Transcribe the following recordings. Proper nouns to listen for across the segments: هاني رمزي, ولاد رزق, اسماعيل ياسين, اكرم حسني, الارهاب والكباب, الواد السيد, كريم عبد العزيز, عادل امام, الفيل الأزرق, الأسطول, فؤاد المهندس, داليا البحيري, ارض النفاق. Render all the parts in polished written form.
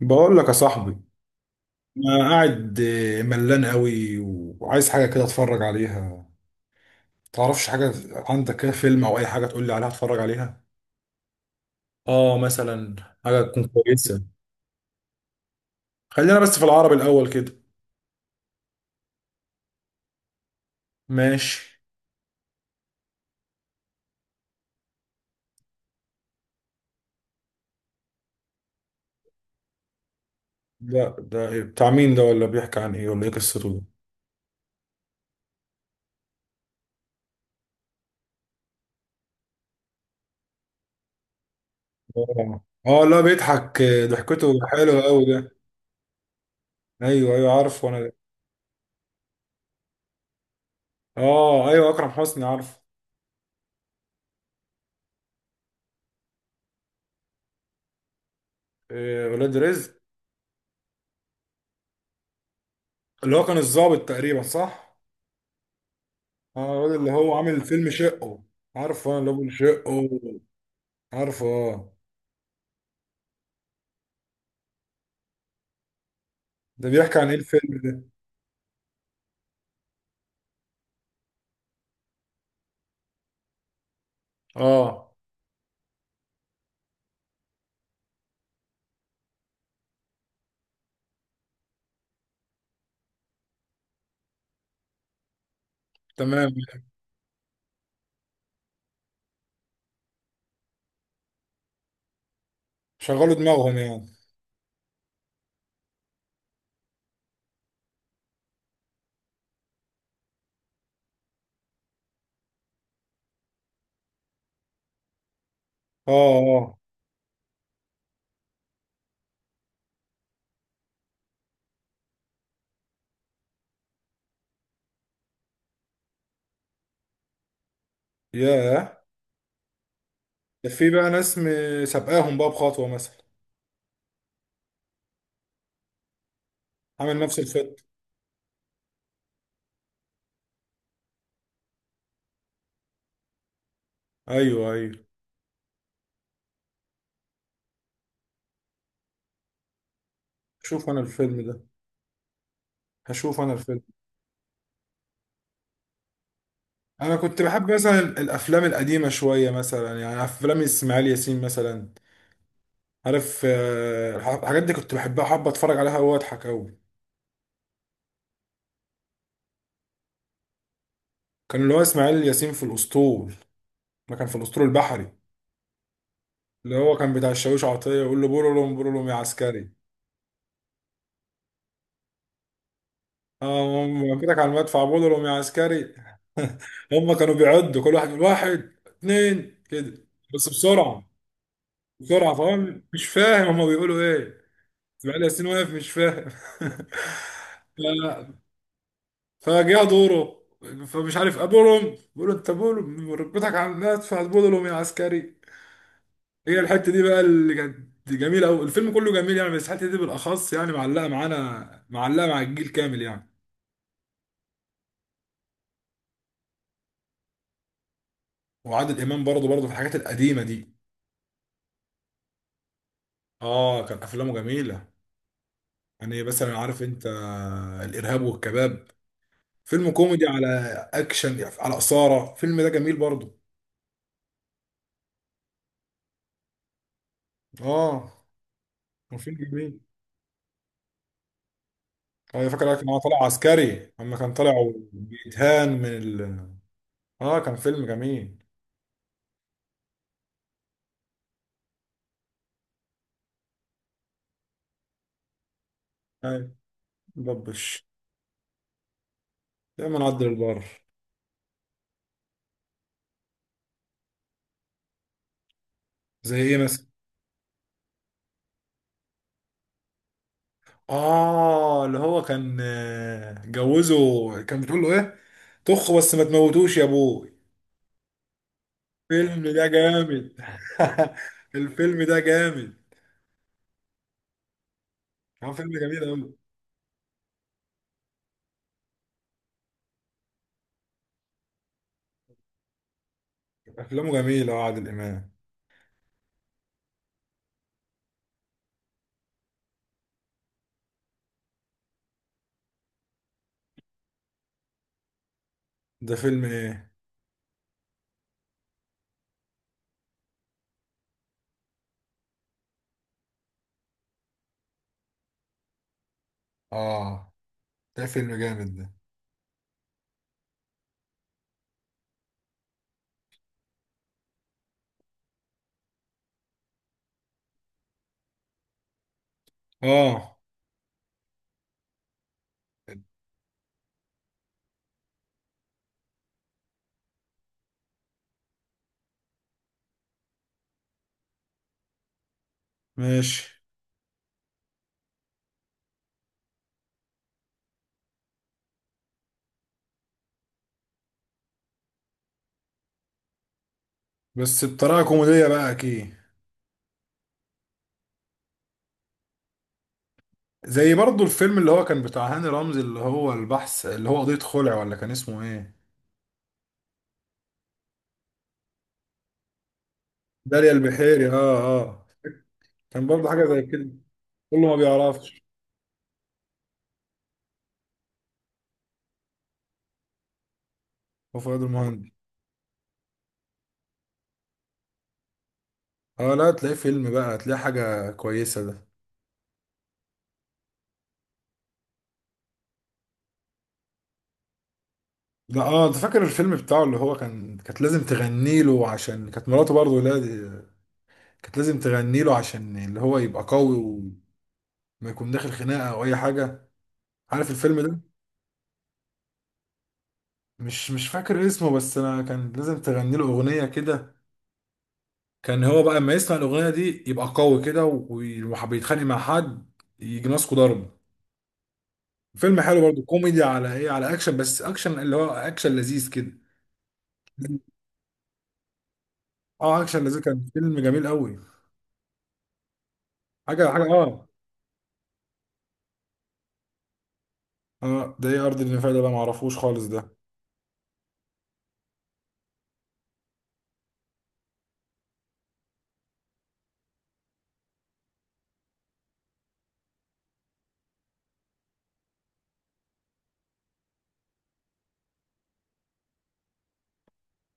بقول لك يا صاحبي، انا قاعد ملان قوي وعايز حاجه كده اتفرج عليها. تعرفش حاجه؟ عندك كده فيلم او اي حاجه تقول لي عليها اتفرج عليها؟ اه، مثلا حاجه تكون كويسه. خلينا بس في العربي الاول كده. ماشي. ده إيه؟ بتاع مين ده؟ ولا بيحكي عن ايه؟ ولا ايه قصته ده؟ اه. لا بيضحك، ضحكته حلوه قوي ده. ايوه ايوه، عارف. وانا اه، ايوه اكرم حسني عارف. ولاد رزق. اللي هو كان الضابط تقريبا، صح؟ اه، الواد اللي هو عامل فيلم شقه. عارفه، انا اللي هو بيقول شقه. عارفه، اه. ده بيحكي عن ايه الفيلم ده؟ اه، تمام. شغلوا دماغهم يعني. اه. اه. ياه. ده في بقى ناس سابقاهم بقى بخطوه مثلا؟ عامل نفس الخط. ايوه ايوه. شوف انا الفيلم ده، هشوف انا الفيلم. انا كنت بحب مثلا الافلام القديمه شويه، مثلا يعني افلام اسماعيل ياسين مثلا. عارف، الحاجات دي كنت بحبها، حابه اتفرج عليها واضحك قوي. كان اللي هو اسماعيل ياسين في الاسطول. ما كان في الأسطول البحري. اللي هو كان بتاع الشاويش عطية يقول له بولولوم بولولوم يا عسكري. اه، هم كده على المدفع بولولوم يا عسكري. هم كانوا بيعدوا كل واحد يقول واحد اتنين كده. بس بسرعة، بسرعة فاهم مش فاهم هم بيقولوا ايه. بقالي سنين واقف مش فاهم. ف- فجاء دوره، فمش عارف ابولهم، بيقول له انت بولهم ركبتك على المدفع بولهم يا عسكري. هي الحته دي بقى اللي كانت جميله قوي، الفيلم كله جميل يعني، بس الحته دي بالاخص يعني معلقه معانا، معلقه مع الجيل كامل يعني. وعادل امام برضه برضه في الحاجات القديمه دي. اه، كان افلامه جميله. يعني مثلا عارف انت، الارهاب والكباب، فيلم كوميدي على اكشن، على اثاره الفيلم ده جميل برضه. اه، كان فيلم جميل. انا فاكر كان هو طالع عسكري، اما كان طالع بيتهان من اه، كان فيلم جميل. ايوه. دبش. دايما عدل البر. زي ايه مثلا؟ اه، اللي هو كان جوزه، كان بتقول له ايه، طخ بس ما تموتوش يا ابوي. الفيلم ده جامد. الفيلم ده جامد. هو فيلم جميل قوي. افلامه جميله اه، عادل امام. ده فيلم ايه؟ اه، ده فيلم جامد ده. اه، ماشي. بس بطريقه كوميديه بقى اكيد. زي برضو الفيلم اللي هو كان بتاع هاني رمزي، اللي هو البحث، اللي هو قضية خلع، ولا كان اسمه ايه؟ داليا البحيري، اه اه. كان برضو حاجة زي كده. كله ما بيعرفش. هو فؤاد المهندس. اه، لا تلاقيه فيلم بقى هتلاقيه حاجة كويسة ده. ده اه، انت فاكر الفيلم بتاعه اللي هو كان، كانت لازم تغني له عشان كانت مراته برضه؟ لا، دي كانت لازم تغني له عشان اللي هو يبقى قوي وما يكون داخل خناقة او اي حاجة. عارف الفيلم ده؟ مش فاكر اسمه، بس انا كان لازم تغني له اغنية كده. كان هو بقى اما يسمع الاغنية دي يبقى قوي كده وبيتخانق مع حد، يجي ماسكه ضرب. فيلم حلو برضه، كوميدي على ايه، على اكشن، بس اكشن اللي هو اكشن لذيذ كده. اه، اكشن لذيذ، كان فيلم جميل قوي. حاجه حاجه اه. اه، ده ايه ارض النفاق ده بقى؟ معرفوش خالص ده.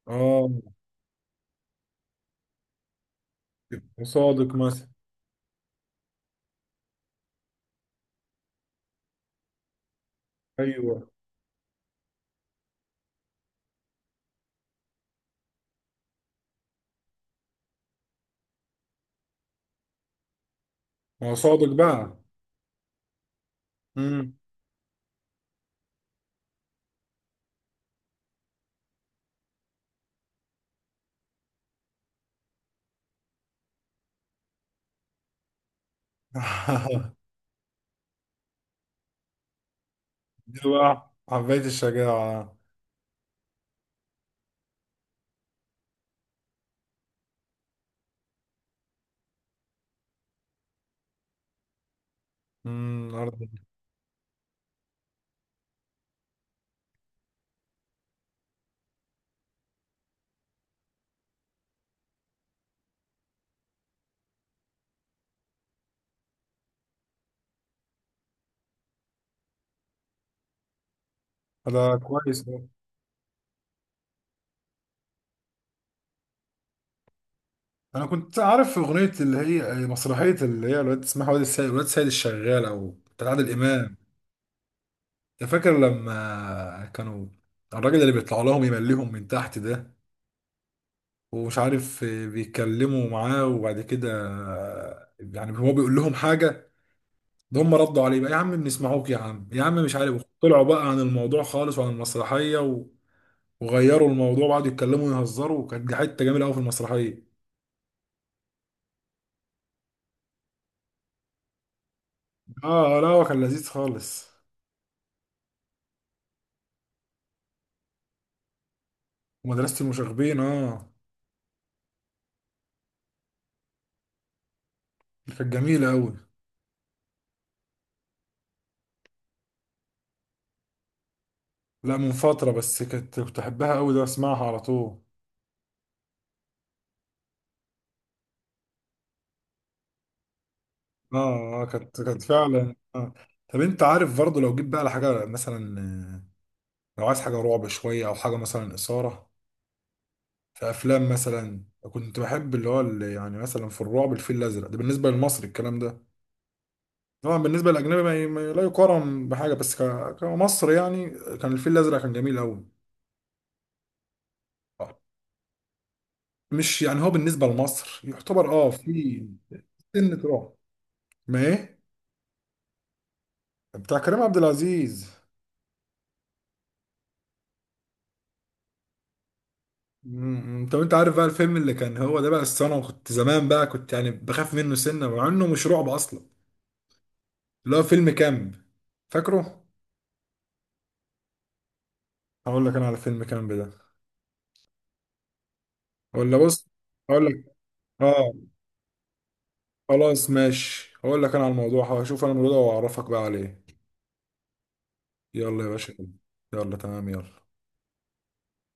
اه. صادق مثلا. ايوه، ما هو صادق بقى. امم. دي بقى حبيت الشجاعه. امم. ارض. ده كويس أوي. انا كنت عارف اغنيه اللي هي مسرحيه اللي هي الواد اسمها واد السيد، الواد السيد الشغال، او بتاع عادل امام. أنت فاكر لما كانوا الراجل اللي بيطلع لهم يمليهم من تحت ده؟ ومش عارف بيتكلموا معاه، وبعد كده يعني هو بيقول لهم حاجة، ده هم ردوا عليه بقى، يا عم بنسمعوك، يا عم، يا عم مش عارف، طلعوا بقى عن الموضوع خالص وعن المسرحية وغيروا الموضوع وقعدوا يتكلموا ويهزروا، وكانت دي حتة جميلة قوي في المسرحية. اه، لا هو كان لذيذ خالص. ومدرسة المشاغبين، اه، كانت جميلة قوي. لا، من فترة بس، كنت احبها قوي ده، اسمعها على طول. اه اه، كانت فعلا. آه. طب انت عارف برضه لو جيت بقى لحاجة مثلا، لو عايز حاجة رعب شوية أو حاجة مثلا إثارة. في أفلام مثلا كنت بحب اللي هو اللي يعني مثلا في الرعب الفيل الأزرق ده بالنسبة للمصري الكلام ده. طبعا بالنسبة للأجنبي ما لا يقارن بحاجة، بس كمصر يعني. كان الفيل الأزرق كان جميل أوي. آه. مش يعني هو بالنسبة لمصر يعتبر أه في سنة رعب، ما إيه، بتاع كريم عبد العزيز. طب انت عارف بقى الفيلم اللي كان هو ده بقى السنة، وكنت زمان بقى كنت يعني بخاف منه سنة مع انه مش رعب اصلا، اللي هو فيلم كامب. فاكره؟ هقول لك انا على فيلم كامب ده. ولا بص، هقول لك. اه، خلاص ماشي، هقول لك انا على الموضوع، هشوف انا الموضوع ده واعرفك بقى عليه. يلا يا باشا، يلا، تمام، يلا.